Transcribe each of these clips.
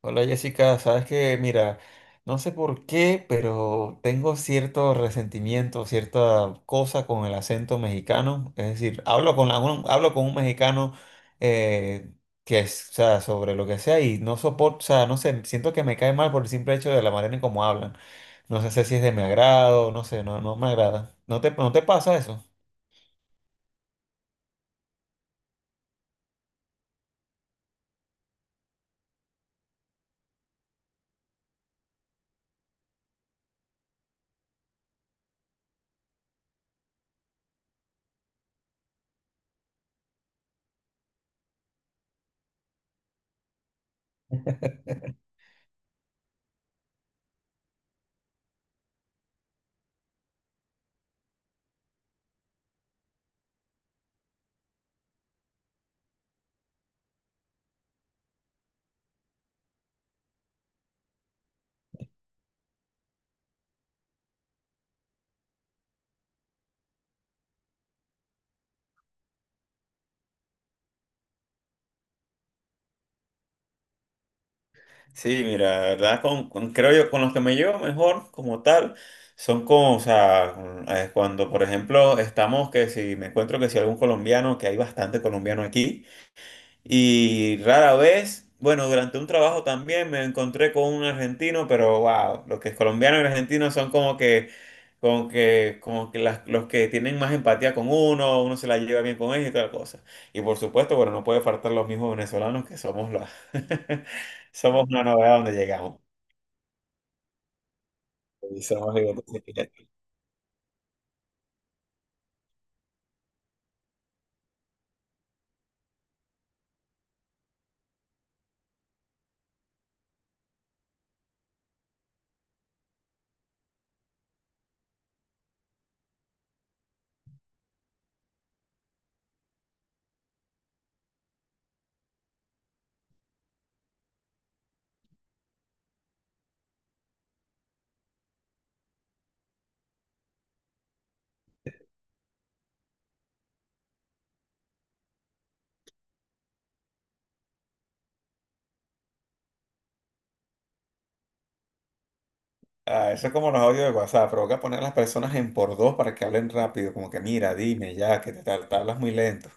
Hola Jessica, sabes que, mira, no sé por qué, pero tengo cierto resentimiento, cierta cosa con el acento mexicano. Es decir, hablo con, hablo con un mexicano eh, que es, o sea, sobre lo que sea y no soporto, o sea, no sé, siento que me cae mal por el simple hecho de la manera en cómo hablan. No sé si es de mi agrado, no sé, no, no me agrada. ¿No te pasa eso? Sí, mira, la verdad, creo yo, con los que me llevo mejor como tal, son como, o sea, cuando, por ejemplo, estamos, que si me encuentro que si algún colombiano, que hay bastante colombiano aquí, y rara vez, bueno, durante un trabajo también me encontré con un argentino, pero wow, los que es colombiano y argentinos son como que, como que, las- los que tienen más empatía con uno, uno se la lleva bien con ellos y tal cosa. Y por supuesto, bueno, no puede faltar los mismos venezolanos que somos los, somos una novedad donde llegamos. Y somos igual. Que- Ah, eso es como los audios de WhatsApp, provoca poner a las personas en por dos para que hablen rápido, como que mira, dime ya, que te hablas muy lento.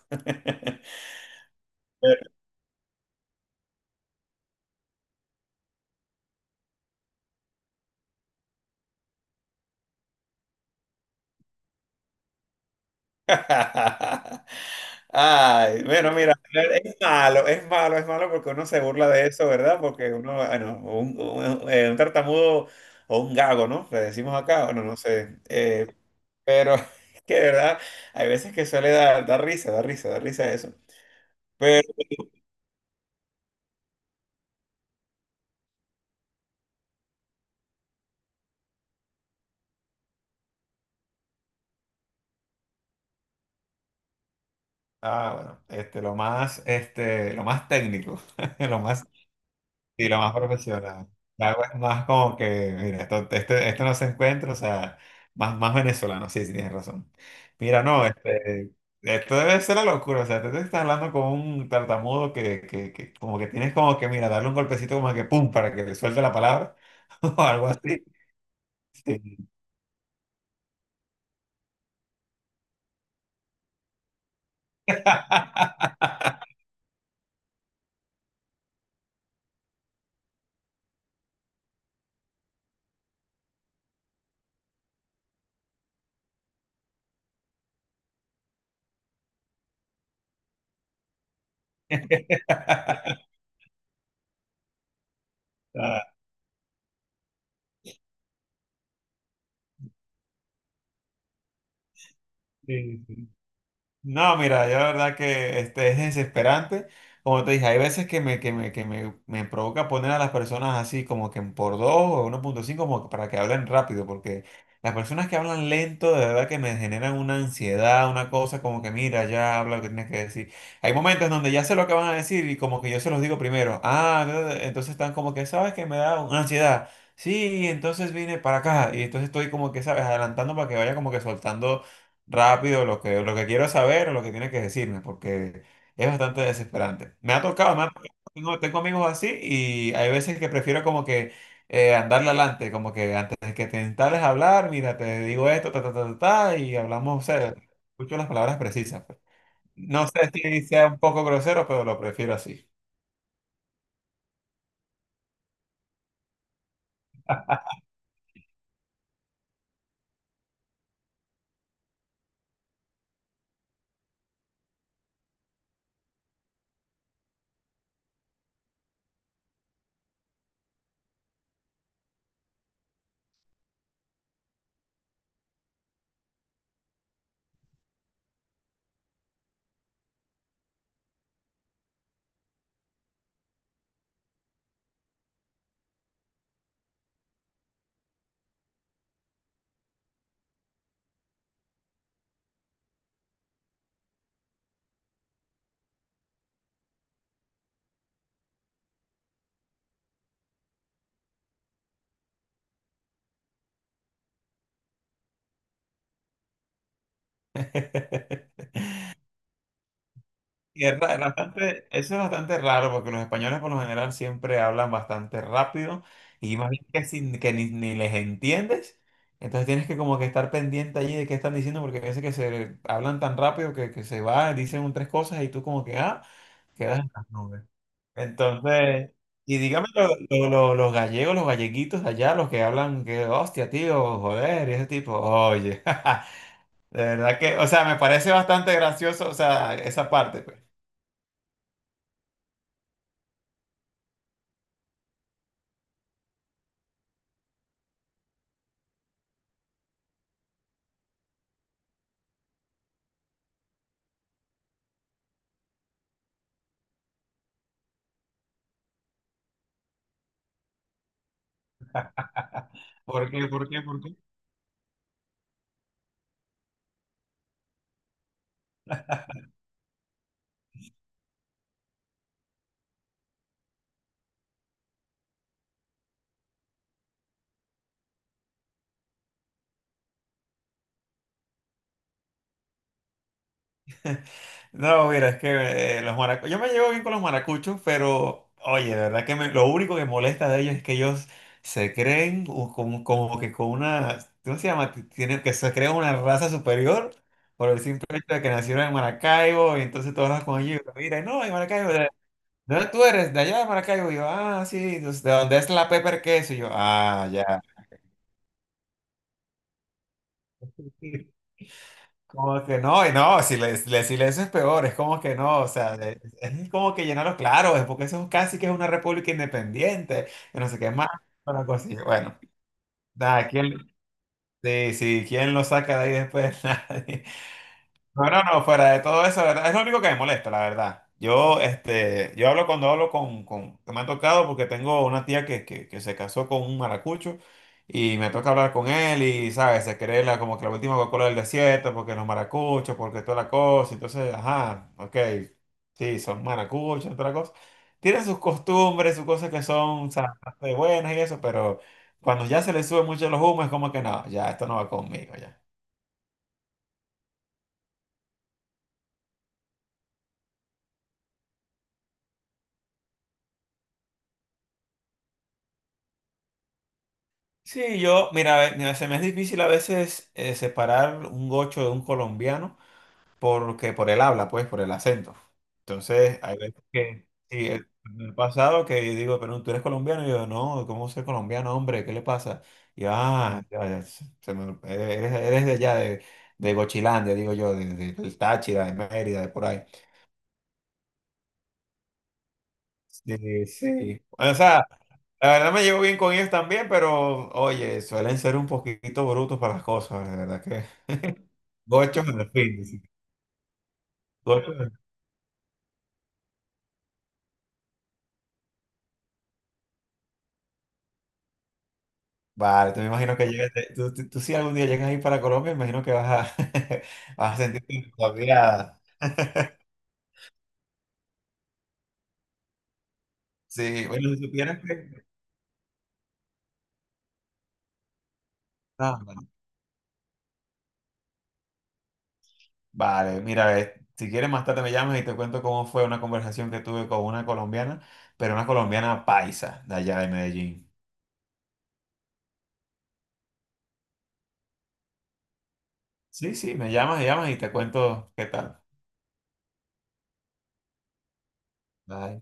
Ay, bueno, mira, es malo porque uno se burla de eso, ¿verdad? Porque uno, bueno, un tartamudo o un gago, ¿no? Le decimos acá, bueno, no sé. Pero es que de verdad, hay veces que suele dar risa eso. Pero, ah, bueno, lo más, lo más técnico, lo más. Y lo más profesional. La agua es más como que, mira, esto, esto no se encuentra, o sea, más venezolano, sí, sí, tienes razón. Mira, no, esto debe ser la locura, o sea, tú te estás hablando con un tartamudo que como que tienes como que, mira, darle un golpecito como que pum, para que le suelte la palabra, o algo así. Sí. Ah, sí, sí. No, mira, yo la verdad que este, es desesperante. Como te dije, hay veces que me provoca poner a las personas así como que en por dos o uno punto cinco como que para que hablen rápido, porque las personas que hablan lento de verdad que me generan una ansiedad, una cosa como que mira, ya habla lo que tienes que decir. Hay momentos donde ya sé lo que van a decir y como que yo se los digo primero. Ah, da, da, entonces están como que, ¿sabes que me da una ansiedad? Sí, entonces vine para acá y entonces estoy como que, ¿sabes? Adelantando para que vaya como que soltando rápido lo que quiero saber o lo que tiene que decirme, porque es bastante desesperante. Me ha tocado, tengo amigos así y hay veces que prefiero como que andarle adelante, como que antes de que te instales a hablar, mira, te digo esto, ta, ta, ta, ta, ta, y hablamos, o sea, escucho las palabras precisas pues. No sé si sea un poco grosero, pero lo prefiero así. Y es bastante, eso es bastante raro porque los españoles por lo general siempre hablan bastante rápido y más bien que, sin, que ni, ni les entiendes. Entonces tienes que como que estar pendiente allí de qué están diciendo porque a veces que se hablan tan rápido que se va, dicen un, tres cosas y tú como que, ah, quedas en las nubes. Entonces, y dígame los gallegos, los galleguitos de allá, los que hablan que, hostia, tío, joder, y ese tipo, oye, de verdad que, o sea, me parece bastante gracioso, o sea, esa parte pues. ¿Por qué? No, mira, es que los maracuchos, yo me llevo bien con los maracuchos, pero oye, de verdad que lo único que molesta de ellos es que ellos se creen como, como que con una, ¿cómo se llama? Tienen, que se creen una raza superior por el simple hecho de que nacieron en Maracaibo y entonces todos hablas con ellos, y mira, no, en Maracaibo, ¿de ¿dónde tú eres? De allá de Maracaibo, y yo, ah, sí, entonces, ¿de dónde es la pepper queso? Y yo, ah, ya. Como que no, y no, si le- eso es peor, es como que no, o sea, es como que llenarlo claro es porque eso es casi que es una república independiente, y no sé qué más, una cosa así. Bueno, nada, ¿quién, sí, sí, ¿quién lo saca de ahí después? Nadie. No, fuera de todo eso, ¿verdad? Es lo único que me molesta, la verdad. Yo, este, yo hablo cuando hablo con, que me ha tocado porque tengo una tía que se casó con un maracucho y me toca hablar con él y, ¿sabes? Se cree la, como que la última Coca-Cola del desierto porque los maracuchos, porque toda la cosa. Entonces, ajá, ok, sí, son maracuchos, toda la cosa. Tienen sus costumbres, sus cosas que son, ¿sabes? Bastante buenas y eso, pero cuando ya se les sube mucho los humos es como que no, ya, esto no va conmigo, ya. Sí, yo, mira, a ve- mira, se me es difícil a veces separar un gocho de un colombiano porque por el habla, pues, por el acento. Entonces, hay veces que, sí, el me ha pasado que yo digo, pero tú eres colombiano, y yo, no, ¿cómo soy colombiano, hombre? ¿Qué le pasa? Y yo, ah, eres, eres de allá, de Gochilandia, digo yo, del Táchira, de Mérida, de por ahí. Sí, sí. O sea, la verdad me llevo bien con ellos también, pero oye, suelen ser un poquito brutos para las cosas, de verdad. Gochos al fin, dice. Gochos al- Vale, te me imagino que llegas, tú si algún día llegas ahí para Colombia, me imagino que vas a, vas a sentirte tu. Sí, bueno, si supieras que... Ah, bueno. Vale, mira, si quieres más tarde me llamas y te cuento cómo fue una conversación que tuve con una colombiana, pero una colombiana paisa de allá de Medellín. Sí, sí, me llamas y te cuento qué tal. Bye.